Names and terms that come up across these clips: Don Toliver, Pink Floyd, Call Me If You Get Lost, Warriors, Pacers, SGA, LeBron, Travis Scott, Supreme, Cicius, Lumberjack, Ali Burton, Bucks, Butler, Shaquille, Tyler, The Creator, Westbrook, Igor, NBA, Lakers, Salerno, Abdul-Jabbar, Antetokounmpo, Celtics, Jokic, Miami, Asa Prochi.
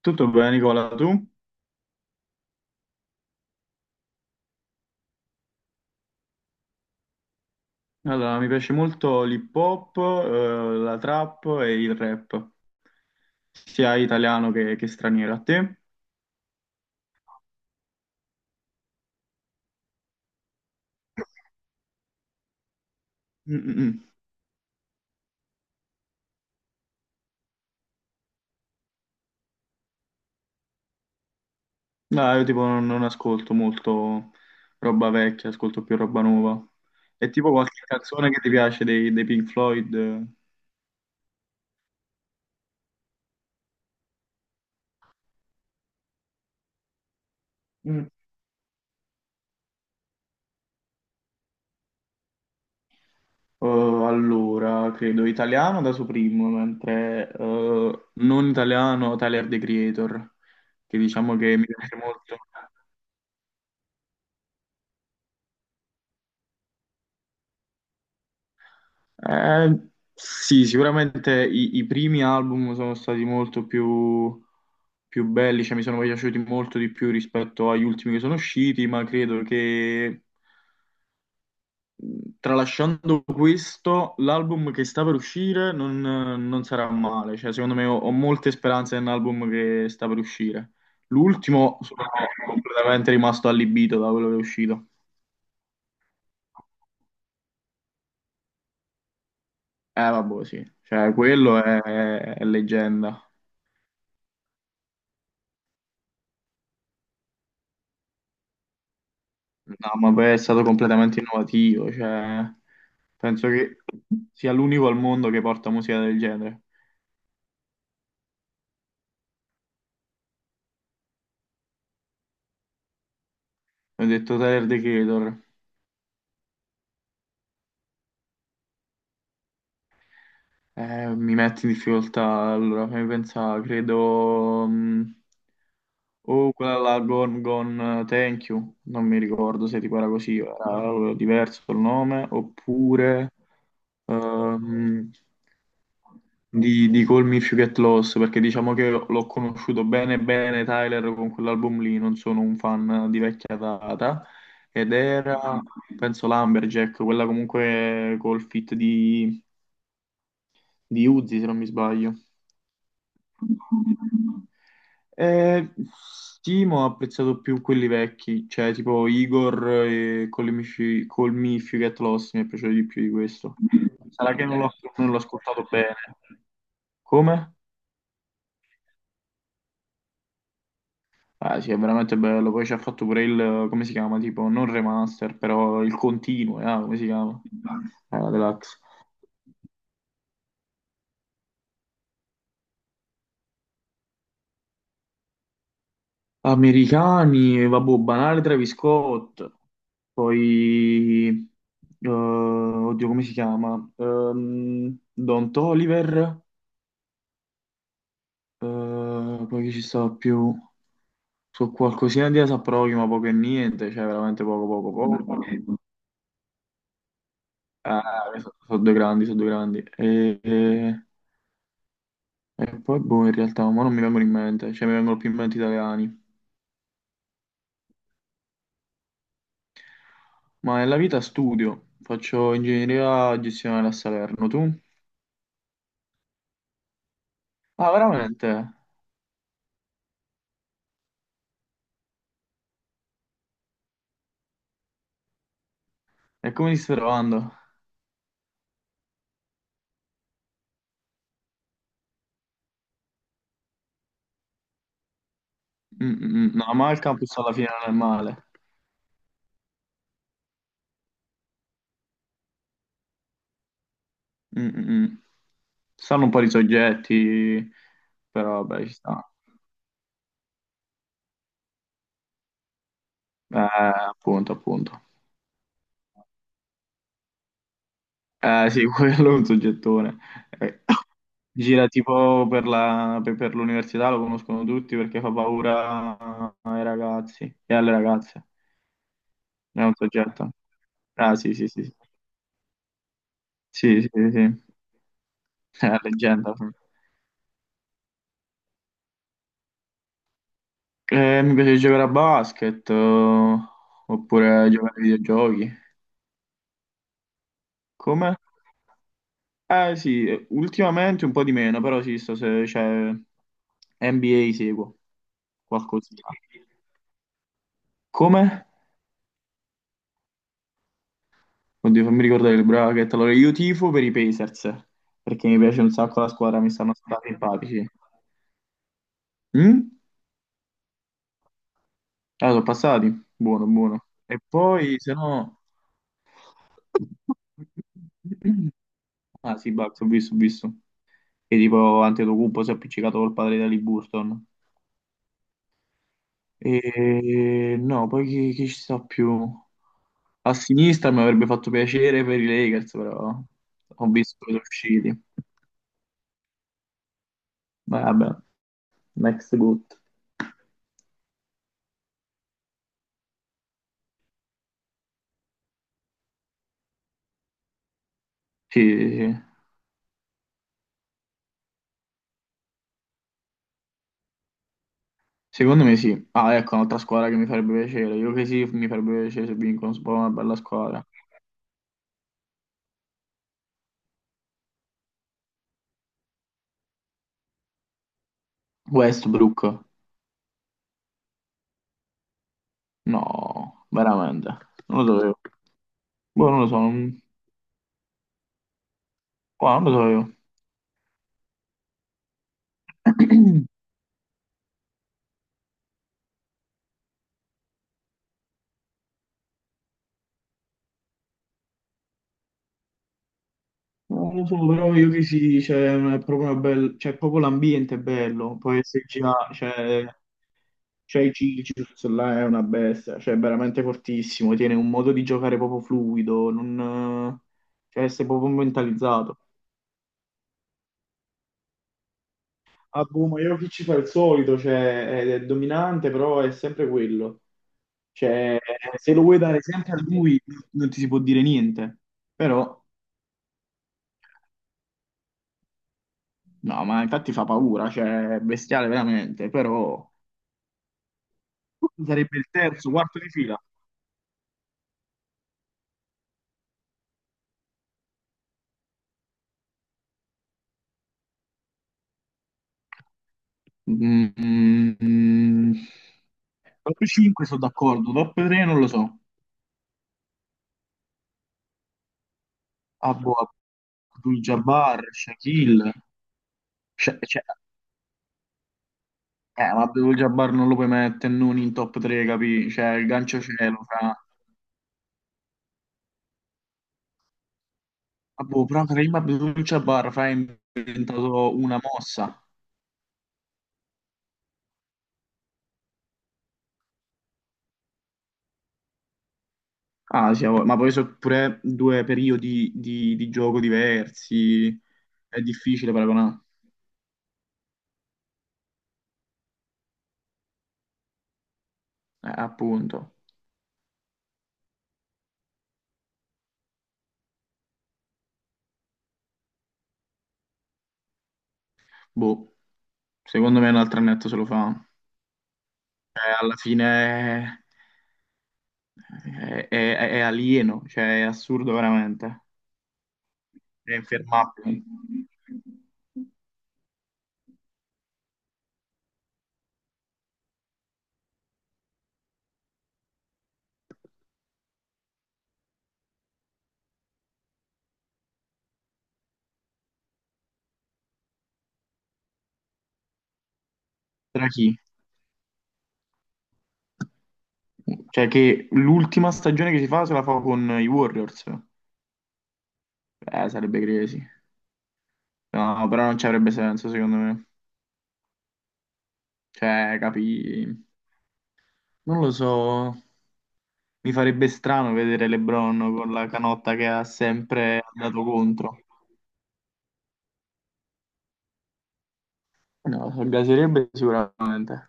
Tutto bene, Nicola, tu? Allora, mi piace molto l'hip hop, la trap e il rap, sia italiano che straniero. A te? Mm, mm, mm. No, io tipo non ascolto molto roba vecchia, ascolto più roba nuova. E tipo qualche canzone che ti piace dei Pink Floyd? Eh? Mm. Allora, credo italiano da Supreme, mentre non italiano Tyler, The Creator, che diciamo che mi piace molto. Eh, sì, sicuramente i primi album sono stati molto più belli, cioè mi sono piaciuti molto di più rispetto agli ultimi che sono usciti, ma credo che, tralasciando questo, l'album che sta per uscire non sarà male, cioè secondo me ho molte speranze nell'album che sta per uscire. L'ultimo sono completamente rimasto allibito da quello che è uscito. Vabbè, sì, cioè quello è leggenda. No, ma poi è stato completamente innovativo, cioè, penso che sia l'unico al mondo che porta musica del genere. Ho detto Tyler, The Creator. Mi metti in difficoltà, allora fammi pensare, credo.Oh, quella là, Gone Gone, Thank You, non mi ricordo se tipo era così, era diverso il nome, oppure ehm, di Call Me If You Get Lost, perché diciamo che l'ho conosciuto bene bene Tyler con quell'album lì, non sono un fan di vecchia data, ed era, penso, Lumberjack, quella comunque col fit di Uzi, se non mi sbaglio. Eh, sì, ma ho apprezzato più quelli vecchi, cioè tipo Igor e Call Me If You Get Lost, mi è piaciuto di più di questo. Sarà che non l'ho ascoltato bene. Come? Ah sì, è veramente bello. Poi ci ha fatto pure il, come si chiama? Tipo, non remaster, però il continuo, come si chiama? La deluxe. Americani, vabbè, banale Travis Scott, poi, oddio, come si chiama? Don Toliver, poi chi ci sta più? Su qualcosina di Asa Prochi, ma poco e niente, cioè veramente poco, poco, poco. Ah, sono due grandi, sono due grandi. E poi, boh, in realtà, ma non mi vengono in mente, cioè mi vengono più in mente italiani. Ma nella vita studio, faccio ingegneria gestionale a Salerno, tu? Ah, veramente? E come ti stai trovando? Mm, mm, mm. No, ma il campus alla fine non è male. Mm, mm, mm. Ci stanno un po' di soggetti, però vabbè, ci sta. Eh, appunto, appunto. Eh sì, quello è un soggettone. Eh, Gira tipo per l'università, lo conoscono tutti perché fa paura ai ragazzi e alle ragazze. È un soggetto. Ah sì, sì, sì. Sì, sì, sì, sì. È una leggenda. Mi piace giocare a basket, oppure giocare ai videogiochi. Come? Eh sì, ultimamente un po' di meno, però sì, sto, se c'è NBA seguo qualcosina. Come? Oddio, fammi ricordare il bracket. Allora, io tifo per i Pacers, perché mi piace un sacco la squadra, mi stanno simpatici. Mm? Ah, sono passati? Buono, buono. E poi, se no... Ah sì, Bucks, ho visto, ho visto, che tipo Antetokounmpo si è appiccicato col padre di Ali Burton. E no, poi chi ci sta più? A sinistra mi avrebbe fatto piacere per i Lakers, però ho visto che sono usciti. Ma vabbè, next good. Sì, sì, sì. Secondo me sì. Ah, ecco, un'altra squadra che mi farebbe piacere. Io che sì, mi farebbe piacere se vincono, se una bella squadra. Westbrook. No, veramente. Non lo sapevo. Boh, non lo so. Boh, non lo sapevo. Non lo so, però io che sì, cioè, è proprio una bella, cioè, proprio l'ambiente è bello, poi SGA, cioè, c'è il Cicius, là è una bestia, cioè, è veramente fortissimo, tiene un modo di giocare proprio fluido, non, cioè, sei proprio mentalizzato. Ah, boh, ma Jokic ci fa il solito, cioè, è dominante, però è sempre quello, cioè, se lo vuoi dare sempre a lui, non ti si può dire niente, però, no, ma infatti fa paura, cioè, è bestiale veramente, però... sarebbe il terzo, quarto di fila. Mm, mm. Top 5 sono d'accordo, top 3 non lo so. Abbo, Abdul-Jabbar, Shaquille. Cioè, ma Abdul-Jabbar non lo puoi mettere non in top 3, capì? Cioè, il gancio cielo fra... Abbo, però prima Abdul-Jabbar fra ha inventato una mossa. Ah, sì, ma poi sono pure due periodi di gioco diversi. È difficile paragonare. Appunto. Boh. Secondo me un altro annetto se lo fa. Cioè, alla fine è alieno, cioè è assurdo veramente. È infermabile. Tra chi? Cioè che l'ultima stagione che si fa se la fa con i Warriors. Sarebbe crazy. No, però non ci avrebbe senso, secondo me. Cioè, capi... Non lo so, mi farebbe strano vedere LeBron con la canotta che ha sempre dato contro. No, lo gaserebbe sicuramente,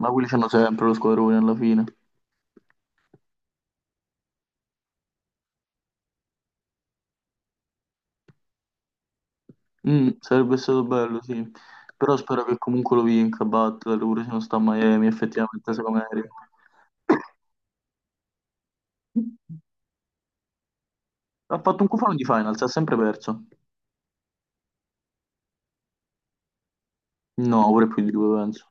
ma quelli c'hanno sempre lo squadrone alla fine. Mm, sarebbe stato bello, sì. Però spero che comunque lo vinca Butler, pure se non sta a Miami, effettivamente, secondo me merita. Ha fatto un cufano di finals, ha sempre perso. No, pure più di due, penso.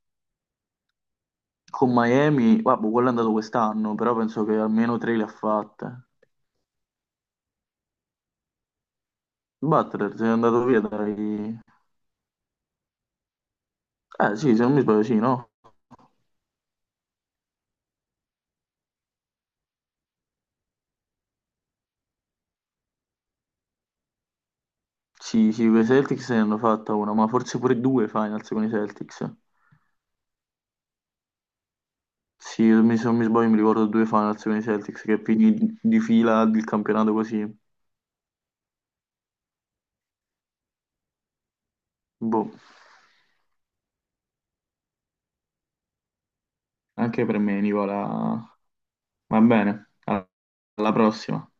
Con Miami, vabbè, quello è andato quest'anno, però penso che almeno tre le ha fatte. Butler se è andato via dai... Eh sì, se non mi sbaglio, sì, no? Sì, sì, con i Celtics ne hanno fatta una, ma forse pure due finals con i Celtics. Sì, se non mi sbaglio mi ricordo due finals con i Celtics che finì di fila il campionato così. Boh, anche per me, Nicola. Va bene, alla prossima.